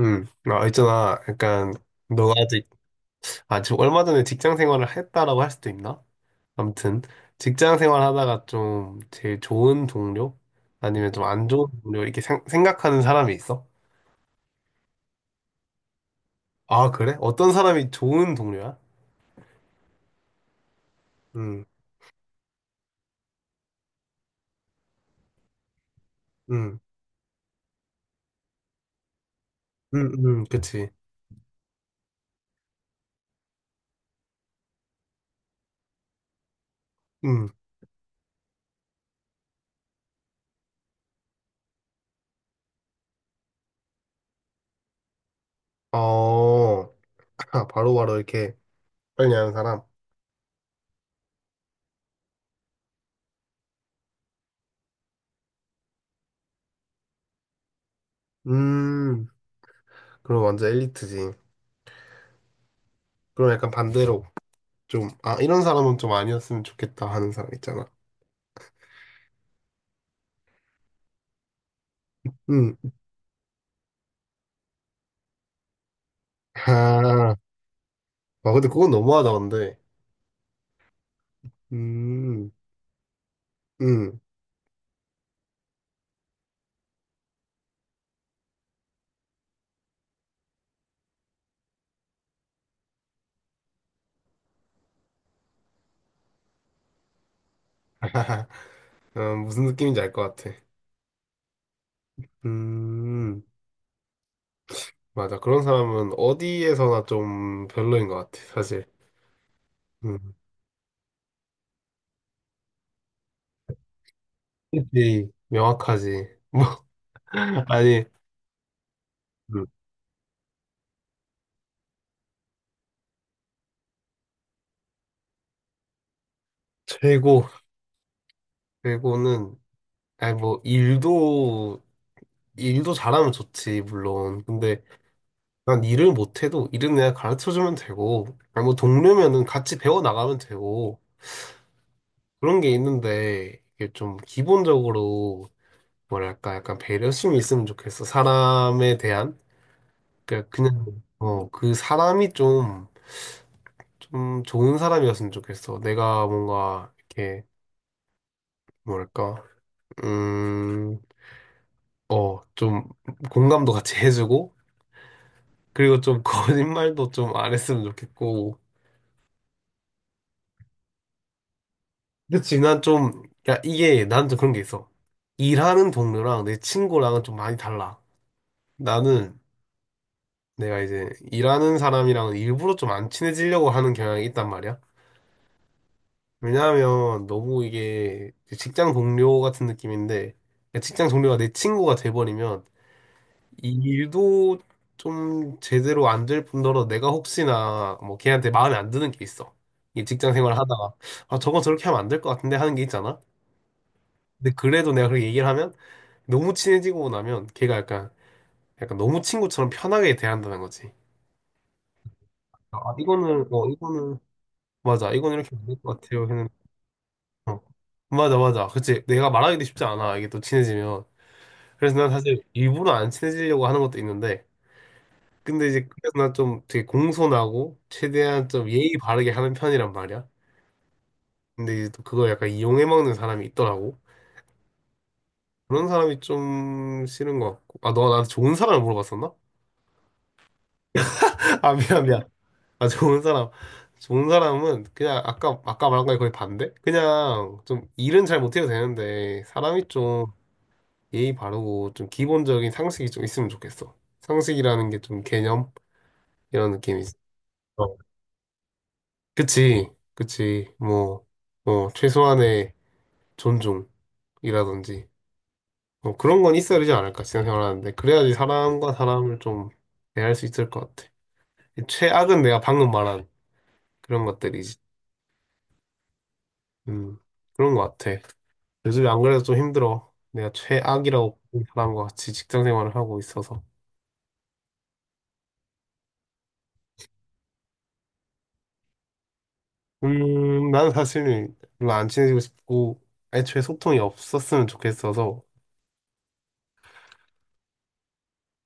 아, 있잖아. 약간, 너가 아직, 지금 얼마 전에 직장 생활을 했다라고 할 수도 있나? 아무튼, 직장 생활 하다가 좀 제일 좋은 동료? 아니면 좀 안 좋은 동료? 이렇게 생각하는 사람이 있어? 아, 그래? 어떤 사람이 좋은 동료야? 음, 음, 그치. 음, 어, 바로바로 이렇게 빨리 하는 사람? 음, 그럼 완전 엘리트지. 그럼 약간 반대로 이런 사람은 좀 아니었으면 좋겠다 하는 사람 있잖아. 음. 아, 근데 그건 너무하다, 근데. 음, 음. 무슨 느낌인지 알 것 같아. 음, 맞아. 그런 사람은 어디에서나 좀 별로인 것 같아, 사실. 음. 그치, 명확하지. 뭐, 아니, 음, 최고, 최고는, 아니, 뭐, 일도 잘하면 좋지, 물론. 근데, 난 일을 못해도, 일은 내가 가르쳐주면 되고, 아니, 뭐, 동료면은 같이 배워나가면 되고, 그런 게 있는데 이게 좀 기본적으로 뭐랄까 약간 배려심이 있으면 좋겠어. 사람에 대한 그러니까 그냥 그 사람이 좀 좋은 사람이었으면 좋겠어. 내가 뭔가 이렇게 뭐랄까 음, 좀 공감도 같이 해주고 그리고 좀 거짓말도 좀 안 했으면 좋겠고. 그치, 난 좀, 야, 이게, 난 좀 그런 게 있어. 일하는 동료랑 내 친구랑은 좀 많이 달라. 나는 내가 이제 일하는 사람이랑 일부러 좀 안 친해지려고 하는 경향이 있단 말이야. 왜냐하면 너무 이게 직장 동료 같은 느낌인데 그러니까 직장 동료가 내 친구가 돼버리면 이 일도 좀 제대로 안 될 뿐더러 내가 혹시나 뭐 걔한테 마음에 안 드는 게 있어. 이 직장 생활 하다가 아 저거 저렇게 하면 안 될 것 같은데 하는 게 있잖아. 근데 그래도 내가 그렇게 얘기를 하면 너무 친해지고 나면 걔가 약간 너무 친구처럼 편하게 대한다는 거지. 아, 이거는 맞아. 이건 이렇게 안 될 것 같아요. 했는데. 어. 맞아, 맞아. 그치. 내가 말하기도 쉽지 않아. 이게 또 친해지면. 그래서 난 사실 일부러 안 친해지려고 하는 것도 있는데. 근데 이제 그래서 난 좀 되게 공손하고 최대한 좀 예의 바르게 하는 편이란 말이야. 근데 이제 또 그걸 약간 이용해 먹는 사람이 있더라고. 그런 사람이 좀 싫은 것 같고. 아, 너가 나한테 좋은 사람을 물어봤었나? 아, 미안, 미안. 아, 좋은 사람. 좋은 사람은 그냥 아까 말한 거에 거의 반대? 그냥 좀 일은 잘 못해도 되는데 사람이 좀 예의 바르고 좀 기본적인 상식이 좀 있으면 좋겠어. 상식이라는 게 좀 개념 이런 느낌이지. 어. 그치, 그치. 뭐, 뭐 최소한의 존중이라든지 뭐 그런 건 있어야 되지 않을까 생각을 하는데 그래야지 사람과 사람을 좀 대할 수 있을 것 같아. 최악은 내가 방금 말한 그런 것들이지. 음, 그런 것 같아. 요즘에 안 그래도 좀 힘들어. 내가 최악이라고 보는 사람과 같이 직장 생활을 하고 있어서. 난 사실은 별로 안 친해지고 싶고, 애초에 소통이 없었으면 좋겠어서,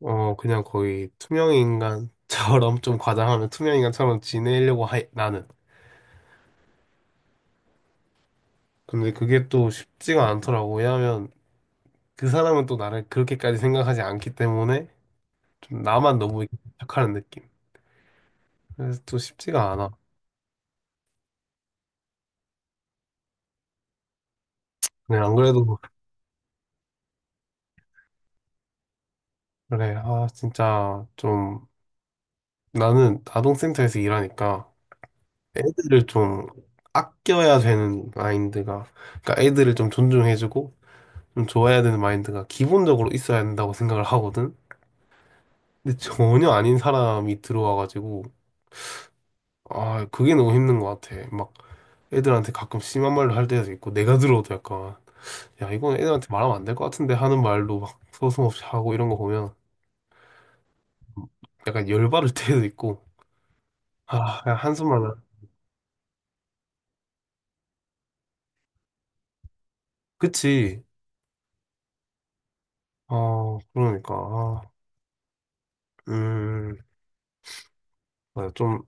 그냥 거의 투명인간처럼, 좀 과장하면 투명인간처럼 지내려고 해, 나는. 근데 그게 또 쉽지가 않더라고. 왜냐하면 그 사람은 또 나를 그렇게까지 생각하지 않기 때문에, 좀 나만 너무 이렇게 착하는 느낌. 그래서 또 쉽지가 않아. 그냥 안 그래도, 진짜 좀, 나는 아동센터에서 일하니까, 애들을 좀 아껴야 되는 마인드가, 그러니까 애들을 좀 존중해주고 좀 좋아해야 되는 마인드가 기본적으로 있어야 된다고 생각을 하거든. 근데 전혀 아닌 사람이 들어와가지고 아 그게 너무 힘든 것 같아. 막 애들한테 가끔 심한 말로 할 때도 있고 내가 들어도 약간 야 이건 애들한테 말하면 안 될 것 같은데 하는 말로 막 서슴없이 하고 이런 거 보면 약간 열받을 때도 있고 아 그냥 한숨만 나. 그치. 어 그러니까 아, 음 맞아. 좀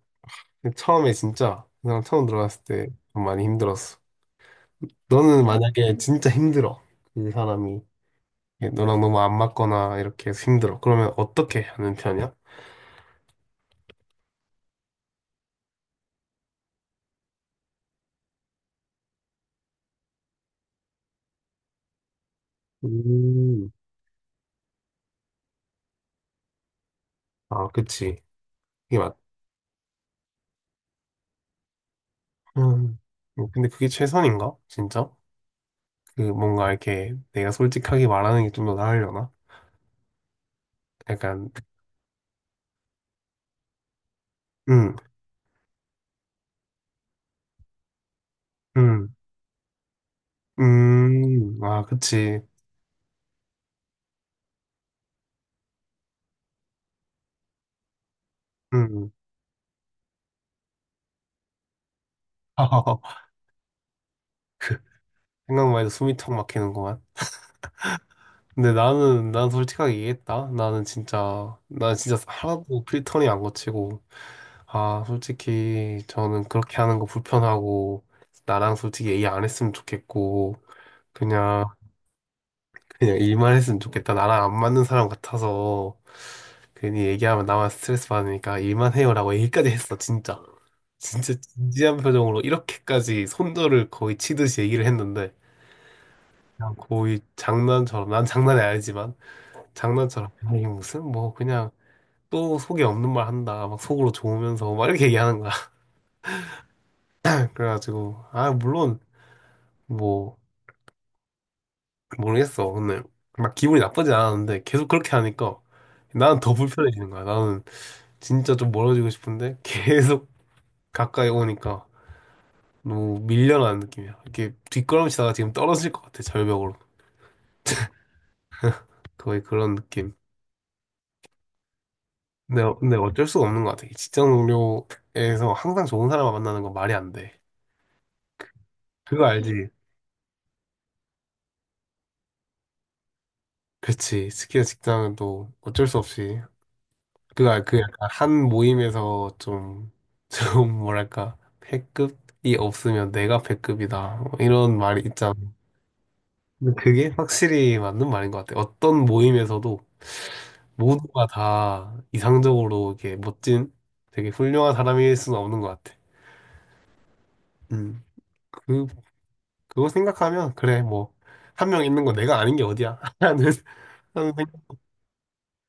처음에 진짜 그 사람 처음 들어갔을 때 좀 많이 힘들었어. 너는 만약에 진짜 힘들어. 그 사람이 너랑 너무 안 맞거나 이렇게 해서 힘들어. 그러면 어떻게 하는 편이야? 음. 아, 그치. 이게 맞. 음. 근데 그게 최선인가? 진짜? 그 뭔가 이렇게 내가 솔직하게 말하는 게 좀 더 나으려나? 약간 음, 음, 아, 그치. 음. 그 생각만 해도 숨이 턱 막히는구만. 근데 나는 난 솔직하게 얘기했다. 나는 진짜 난 진짜 하나도 필터링 안 거치고 아 솔직히 저는 그렇게 하는 거 불편하고 나랑 솔직히 얘기 안 했으면 좋겠고 그냥 그냥 일만 했으면 좋겠다. 나랑 안 맞는 사람 같아서 괜히 얘기하면 나만 스트레스 받으니까 일만 해요라고 얘기까지 했어 진짜 진짜 진지한 표정으로 이렇게까지 손절을 거의 치듯이 얘기를 했는데 그냥 거의 장난처럼 난 장난이 아니지만. 장난처럼 "아, 이게 무슨 뭐 그냥 또 속에 없는 말 한다 막 속으로 좋으면서 막 이렇게 얘기하는 거야 그래가지고 아 물론 뭐 모르겠어 근데 막 기분이 나쁘진 않았는데 계속 그렇게 하니까 나는 더 불편해지는 거야 나는 진짜 좀 멀어지고 싶은데 계속 가까이 오니까 너무 밀려나는 느낌이야 이렇게 뒷걸음치다가 지금 떨어질 것 같아 절벽으로 거의 그런 느낌 근데 어쩔 수가 없는 것 같아 직장 동료에서 항상 좋은 사람만 만나는 건 말이 안 돼 그거 알지? 그치. 스키나 직장은 또 어쩔 수 없이. 그 약간 한 모임에서 좀, 좀 뭐랄까, 패급이 없으면 내가 패급이다. 뭐 이런 말이 있잖아. 근데 그게 확실히 맞는 말인 것 같아. 어떤 모임에서도 모두가 다 이상적으로 이렇게 멋진, 되게 훌륭한 사람일 수는 없는 것 같아. 음. 그, 그거 생각하면, 그래, 뭐, 한 명 있는 거 내가 아닌 게 어디야? 하는 생각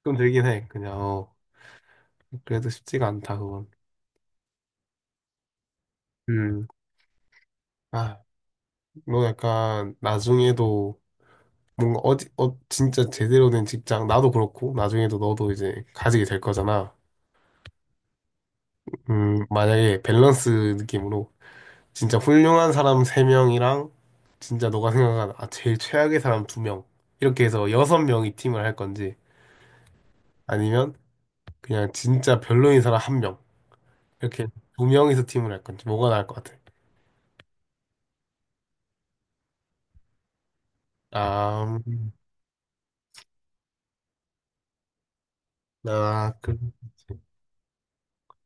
좀 들긴 해. 그냥, 어, 그래도 쉽지가 않다, 그건. 음. 아, 너 약간 나중에도 뭔가 진짜 제대로 된 직장, 나도 그렇고, 나중에도 너도 이제 가지게 될 거잖아. 만약에 밸런스 느낌으로 진짜 훌륭한 사람 세명이랑 진짜 너가 생각한 아, 제일 최악의 사람 두명 이렇게 해서 여섯 명이 팀을 할 건지 아니면 그냥 진짜 별로인 사람 한 명 이렇게 두명이서 팀을 할 건지 뭐가 나을 것 같아? 아, 음, 아, 그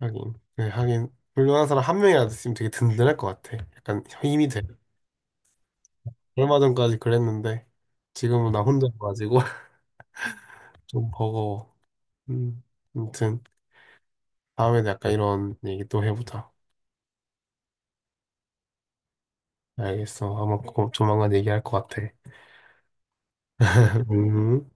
하긴. 네, 하긴. 훌륭한 사람 한 명이라도 있으면 되게 든든할 것 같아. 약간 힘이 돼. 얼마 전까지 그랬는데, 지금은 나 혼자 가지고 좀 버거워. 음, 아무튼, 다음에도 약간 이런 얘기 또 해보자. 알겠어. 아마 곧 조만간 얘기할 것 같아. 음.